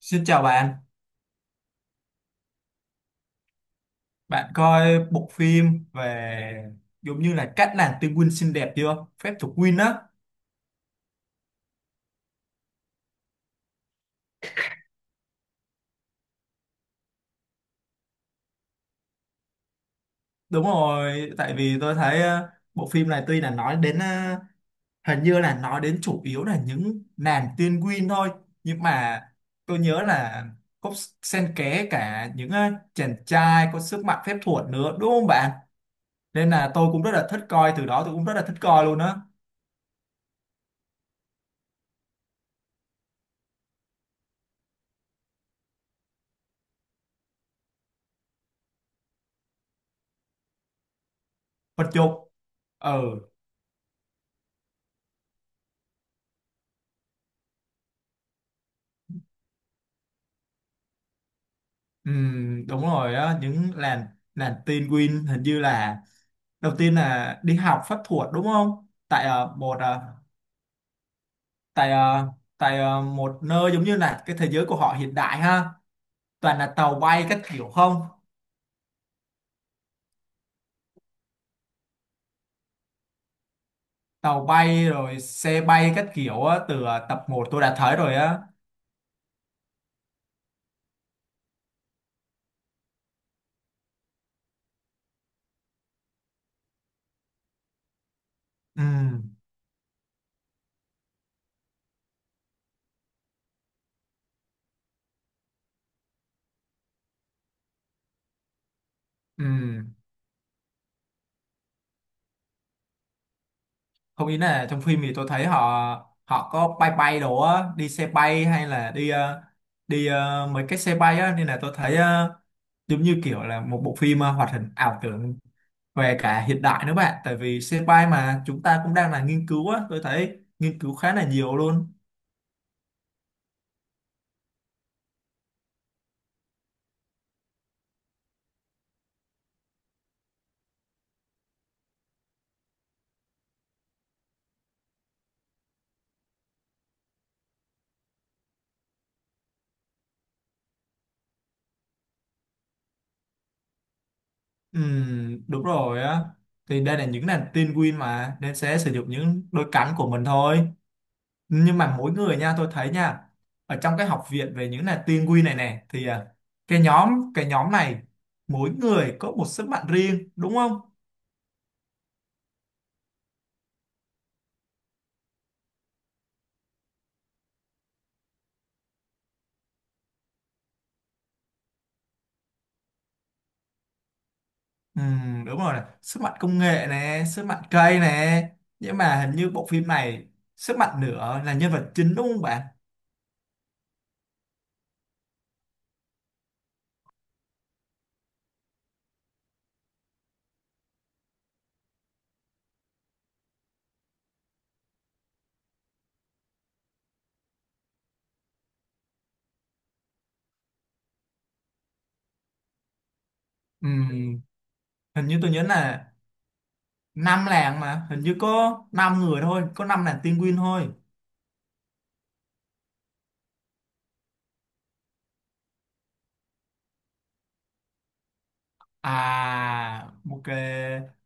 Xin chào bạn, bạn coi bộ phim về giống như là cách làm tinh Win xinh đẹp chưa? Phép thuật Win á. Đúng rồi, tại vì tôi thấy bộ phim này tuy là nói đến hình như là nói đến chủ yếu là những nàng tiên Win thôi, nhưng mà tôi nhớ là có xen kẽ cả những chàng trai có sức mạnh phép thuật nữa, đúng không bạn? Nên là tôi cũng rất là thích coi, từ đó tôi cũng rất là thích coi luôn á. Vật dục. Ừ. Ừ, đúng rồi á, những làn làn tin Win hình như là đầu tiên là đi học pháp thuật đúng không, tại ờ, một ờ, tại ờ, tại ờ, một nơi giống như là cái thế giới của họ hiện đại ha, toàn là tàu bay các kiểu, không tàu bay rồi xe bay các kiểu á, từ tập một tôi đã thấy rồi á. Ừ, ừ. Không, ý là trong phim thì tôi thấy họ họ có bay bay đồ á, đi xe bay hay là đi mấy cái xe bay á, nên là tôi thấy giống như kiểu là một bộ phim hoạt hình ảo tưởng về cả hiện đại nữa bạn, tại vì xe bay mà chúng ta cũng đang là nghiên cứu á, tôi thấy nghiên cứu khá là nhiều luôn. Đúng rồi á, thì đây là những nàng tin Win mà nên sẽ sử dụng những đôi cánh của mình thôi, nhưng mà mỗi người nha, tôi thấy nha, ở trong cái học viện về những là tiên quy này nè thì à, cái nhóm này mỗi người có một sức mạnh riêng đúng không? Đúng rồi nè. Sức mạnh công nghệ nè, sức mạnh cây nè, nhưng mà hình như bộ phim này sức mạnh nữa là nhân vật chính đúng không bạn? Ừm, hình như tôi nhớ là năm làng, mà hình như có năm người thôi, có năm làng tiên quy thôi. À, ok.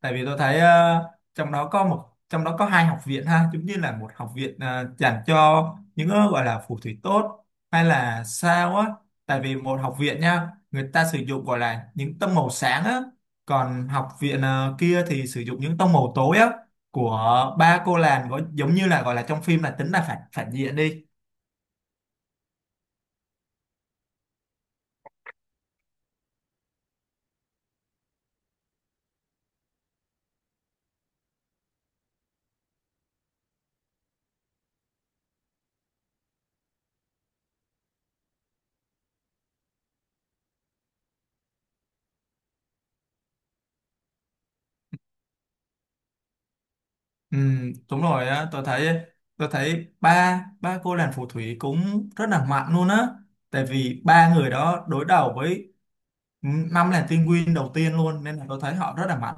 Tại vì tôi thấy trong đó có hai học viện ha, giống như là một học viện dành cho những gọi là phù thủy tốt hay là sao á. Tại vì một học viện nha, người ta sử dụng gọi là những tông màu sáng á, còn học viện kia thì sử dụng những tông màu tối á, của ba cô làng gọi- giống như là gọi là trong phim là tính là phản phản diện đi. Ừ, đúng rồi á, tôi thấy ba ba cô nàng phù thủy cũng rất là mạnh luôn á. Tại vì ba người đó đối đầu với năm nàng tiên nguyên đầu tiên luôn, nên là tôi thấy họ rất là mạnh.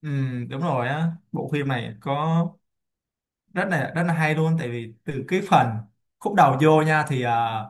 Ừ, đúng rồi á, bộ phim này có rất là hay luôn, tại vì từ cái phần khúc đầu vô nha thì à,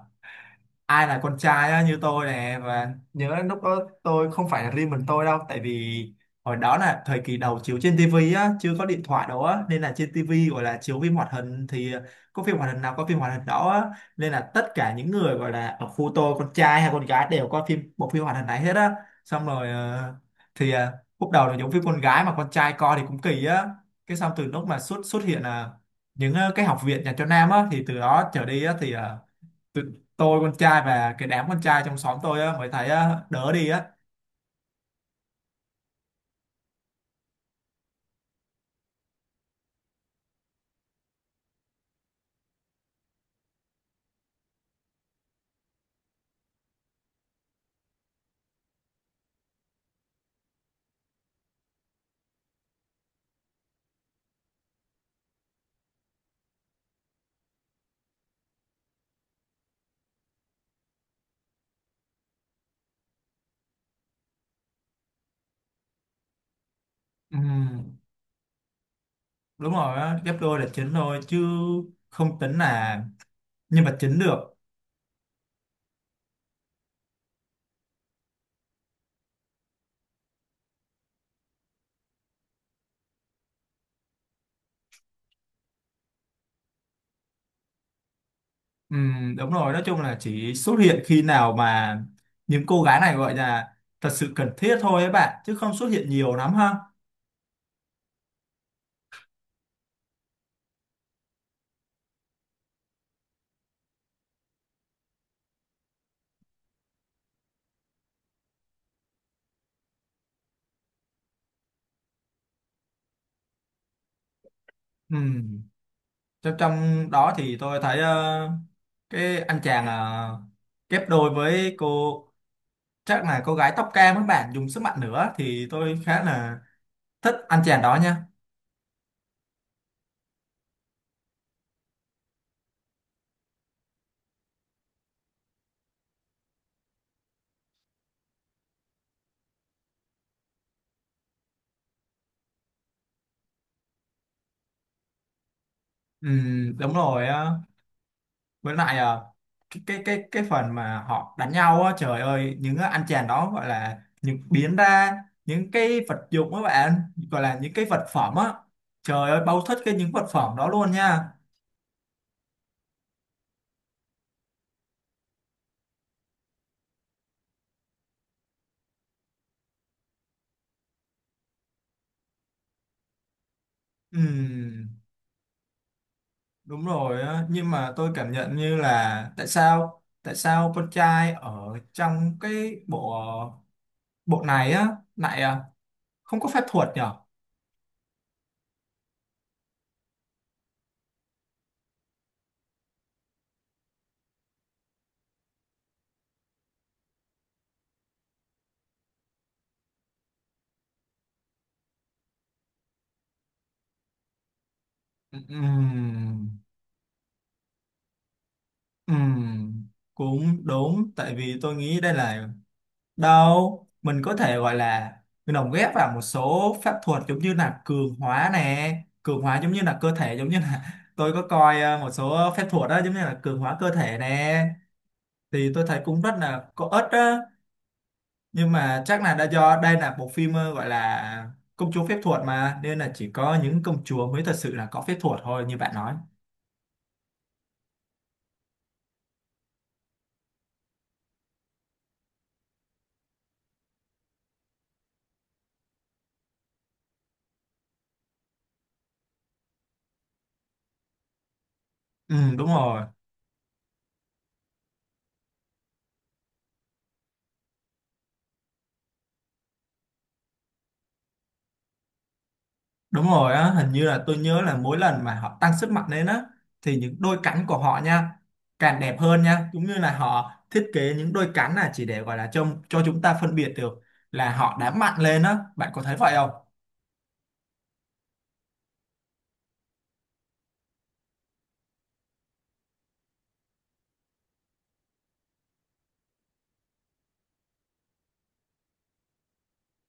ai là con trai á, như tôi nè, và nhớ lúc đó tôi không phải là riêng mình tôi đâu, tại vì hồi đó là thời kỳ đầu chiếu trên tivi á, chưa có điện thoại đâu á, nên là trên tivi gọi là chiếu phim hoạt hình thì có phim hoạt hình nào có phim hoạt hình đó á, nên là tất cả những người gọi là ở khu tôi con trai hay con gái đều có phim bộ phim hoạt hình này hết á. Xong rồi thì ờ, lúc đầu là giống phim con gái mà con trai coi thì cũng kỳ á, cái xong từ lúc mà xuất xuất hiện là những cái học viện dành cho nam á, thì từ đó trở đi á thì tụi tôi con trai và cái đám con trai trong xóm tôi á mới thấy á, đỡ đi á. Ừm, đúng rồi á, ghép đôi là chính thôi chứ không tính là nhân vật chính được. Đúng rồi, nói chung là chỉ xuất hiện khi nào mà những cô gái này gọi là thật sự cần thiết thôi ấy bạn, chứ không xuất hiện nhiều lắm ha. Ừm, trong trong đó thì tôi thấy cái anh chàng ghép đôi với cô, chắc là cô gái tóc cam các bạn dùng sức mạnh nữa, thì tôi khá là thích anh chàng đó nha. Ừ, đúng rồi á, với lại à, cái phần mà họ đánh nhau á, trời ơi, những cái anh chàng đó gọi là những biến ra những cái vật dụng các bạn, gọi là những cái vật phẩm á, trời ơi, bao thích cái những vật phẩm đó luôn nha. Ừ, đúng rồi á, nhưng mà tôi cảm nhận như là, tại sao con trai ở trong cái bộ bộ này á lại à, không có phép thuật nhở? Ừ, ừ. Ừm, cũng đúng, tại vì tôi nghĩ đây là, đâu mình có thể gọi là mình lồng ghép vào một số pháp thuật, giống như là cường hóa nè, cường hóa giống như là cơ thể, giống như là tôi có coi một số phép thuật đó giống như là cường hóa cơ thể nè, thì tôi thấy cũng rất là có ích đó, nhưng mà chắc là đã do đây là bộ phim gọi là công chúa phép thuật mà, nên là chỉ có những công chúa mới thật sự là có phép thuật thôi như bạn nói. Ừ, đúng rồi. Đúng rồi á, hình như là tôi nhớ là mỗi lần mà họ tăng sức mạnh lên á, thì những đôi cánh của họ nha càng đẹp hơn nha, cũng như là họ thiết kế những đôi cánh là chỉ để gọi là cho chúng ta phân biệt được là họ đã mạnh lên á, bạn có thấy vậy không?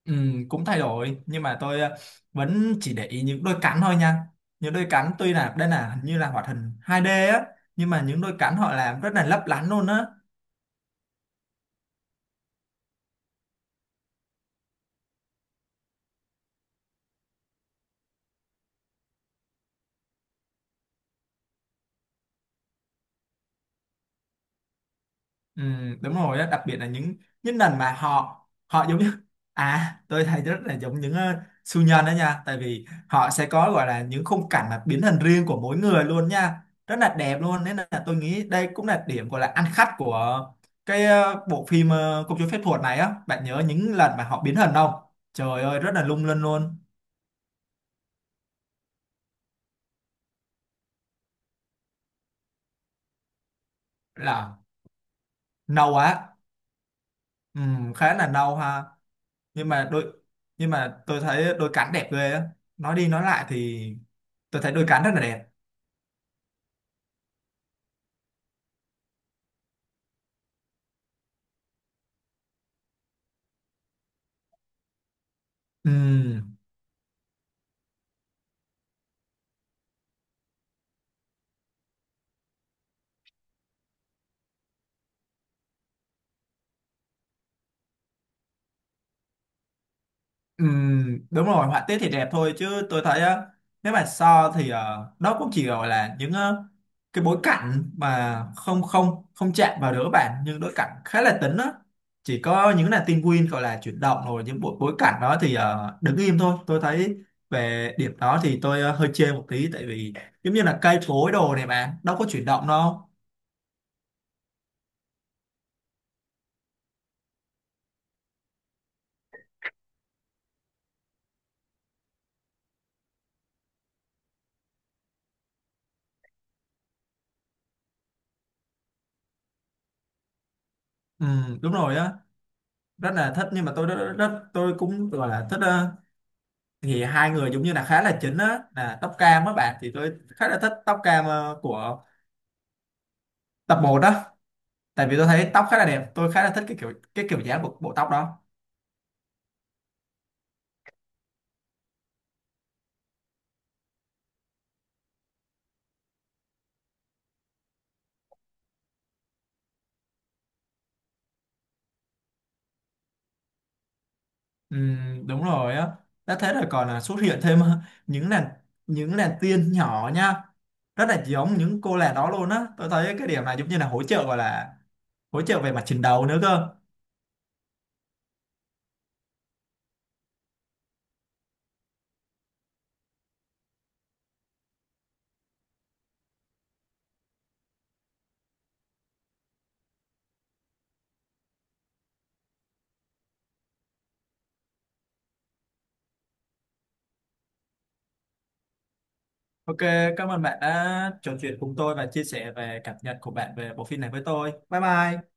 Ừ, cũng thay đổi nhưng mà tôi vẫn chỉ để ý những đôi cánh thôi nha. Những đôi cánh tuy là đây là hình như là hoạt hình 2D á, nhưng mà những đôi cánh họ làm rất là lấp lánh luôn á. Ừ, đúng rồi đó, đặc biệt là những lần mà họ họ giống như à, tôi thấy rất là giống những siêu nhân đó nha, tại vì họ sẽ có gọi là những khung cảnh mà biến hình riêng của mỗi người luôn nha, rất là đẹp luôn, nên là tôi nghĩ đây cũng là điểm gọi là ăn khách của cái bộ phim công chúa phép thuật này á. Bạn nhớ những lần mà họ biến hình không, trời ơi rất là lung linh luôn, là nâu á. Ừ, khá là nâu ha, nhưng mà đôi, nhưng mà tôi thấy đôi cánh đẹp ghê á, nói đi nói lại thì tôi thấy đôi cánh rất là đẹp. Ừ, ừ, đúng rồi, họa tiết thì đẹp thôi, chứ tôi thấy á, nếu mà so thì đó cũng chỉ gọi là những cái bối cảnh mà không không không chạm vào đứa bạn, nhưng đối cảnh khá là tĩnh á, chỉ có những là tin win gọi là chuyển động, rồi những bộ bối cảnh đó thì đứng im thôi. Tôi thấy về điểm đó thì tôi hơi chê một tí, tại vì giống như là cây cối đồ này bạn đâu có chuyển động đâu. Ừ, đúng rồi á, rất là thích, nhưng mà tôi rất, rất tôi cũng gọi là thích thì hai người giống như là khá là chính á là tóc cam á bạn, thì tôi khá là thích tóc cam của tập một đó, tại vì tôi thấy tóc khá là đẹp, tôi khá là thích cái kiểu dáng của bộ tóc đó. Ừ, đúng rồi á, đã thế rồi còn là xuất hiện thêm những làn những làn tiên nhỏ nha, rất là giống những cô làng đó luôn á, tôi thấy cái điểm này giống như là hỗ trợ về mặt chiến đấu nữa cơ. Ok, cảm ơn bạn đã trò chuyện cùng tôi và chia sẻ về cảm nhận của bạn về bộ phim này với tôi. Bye bye.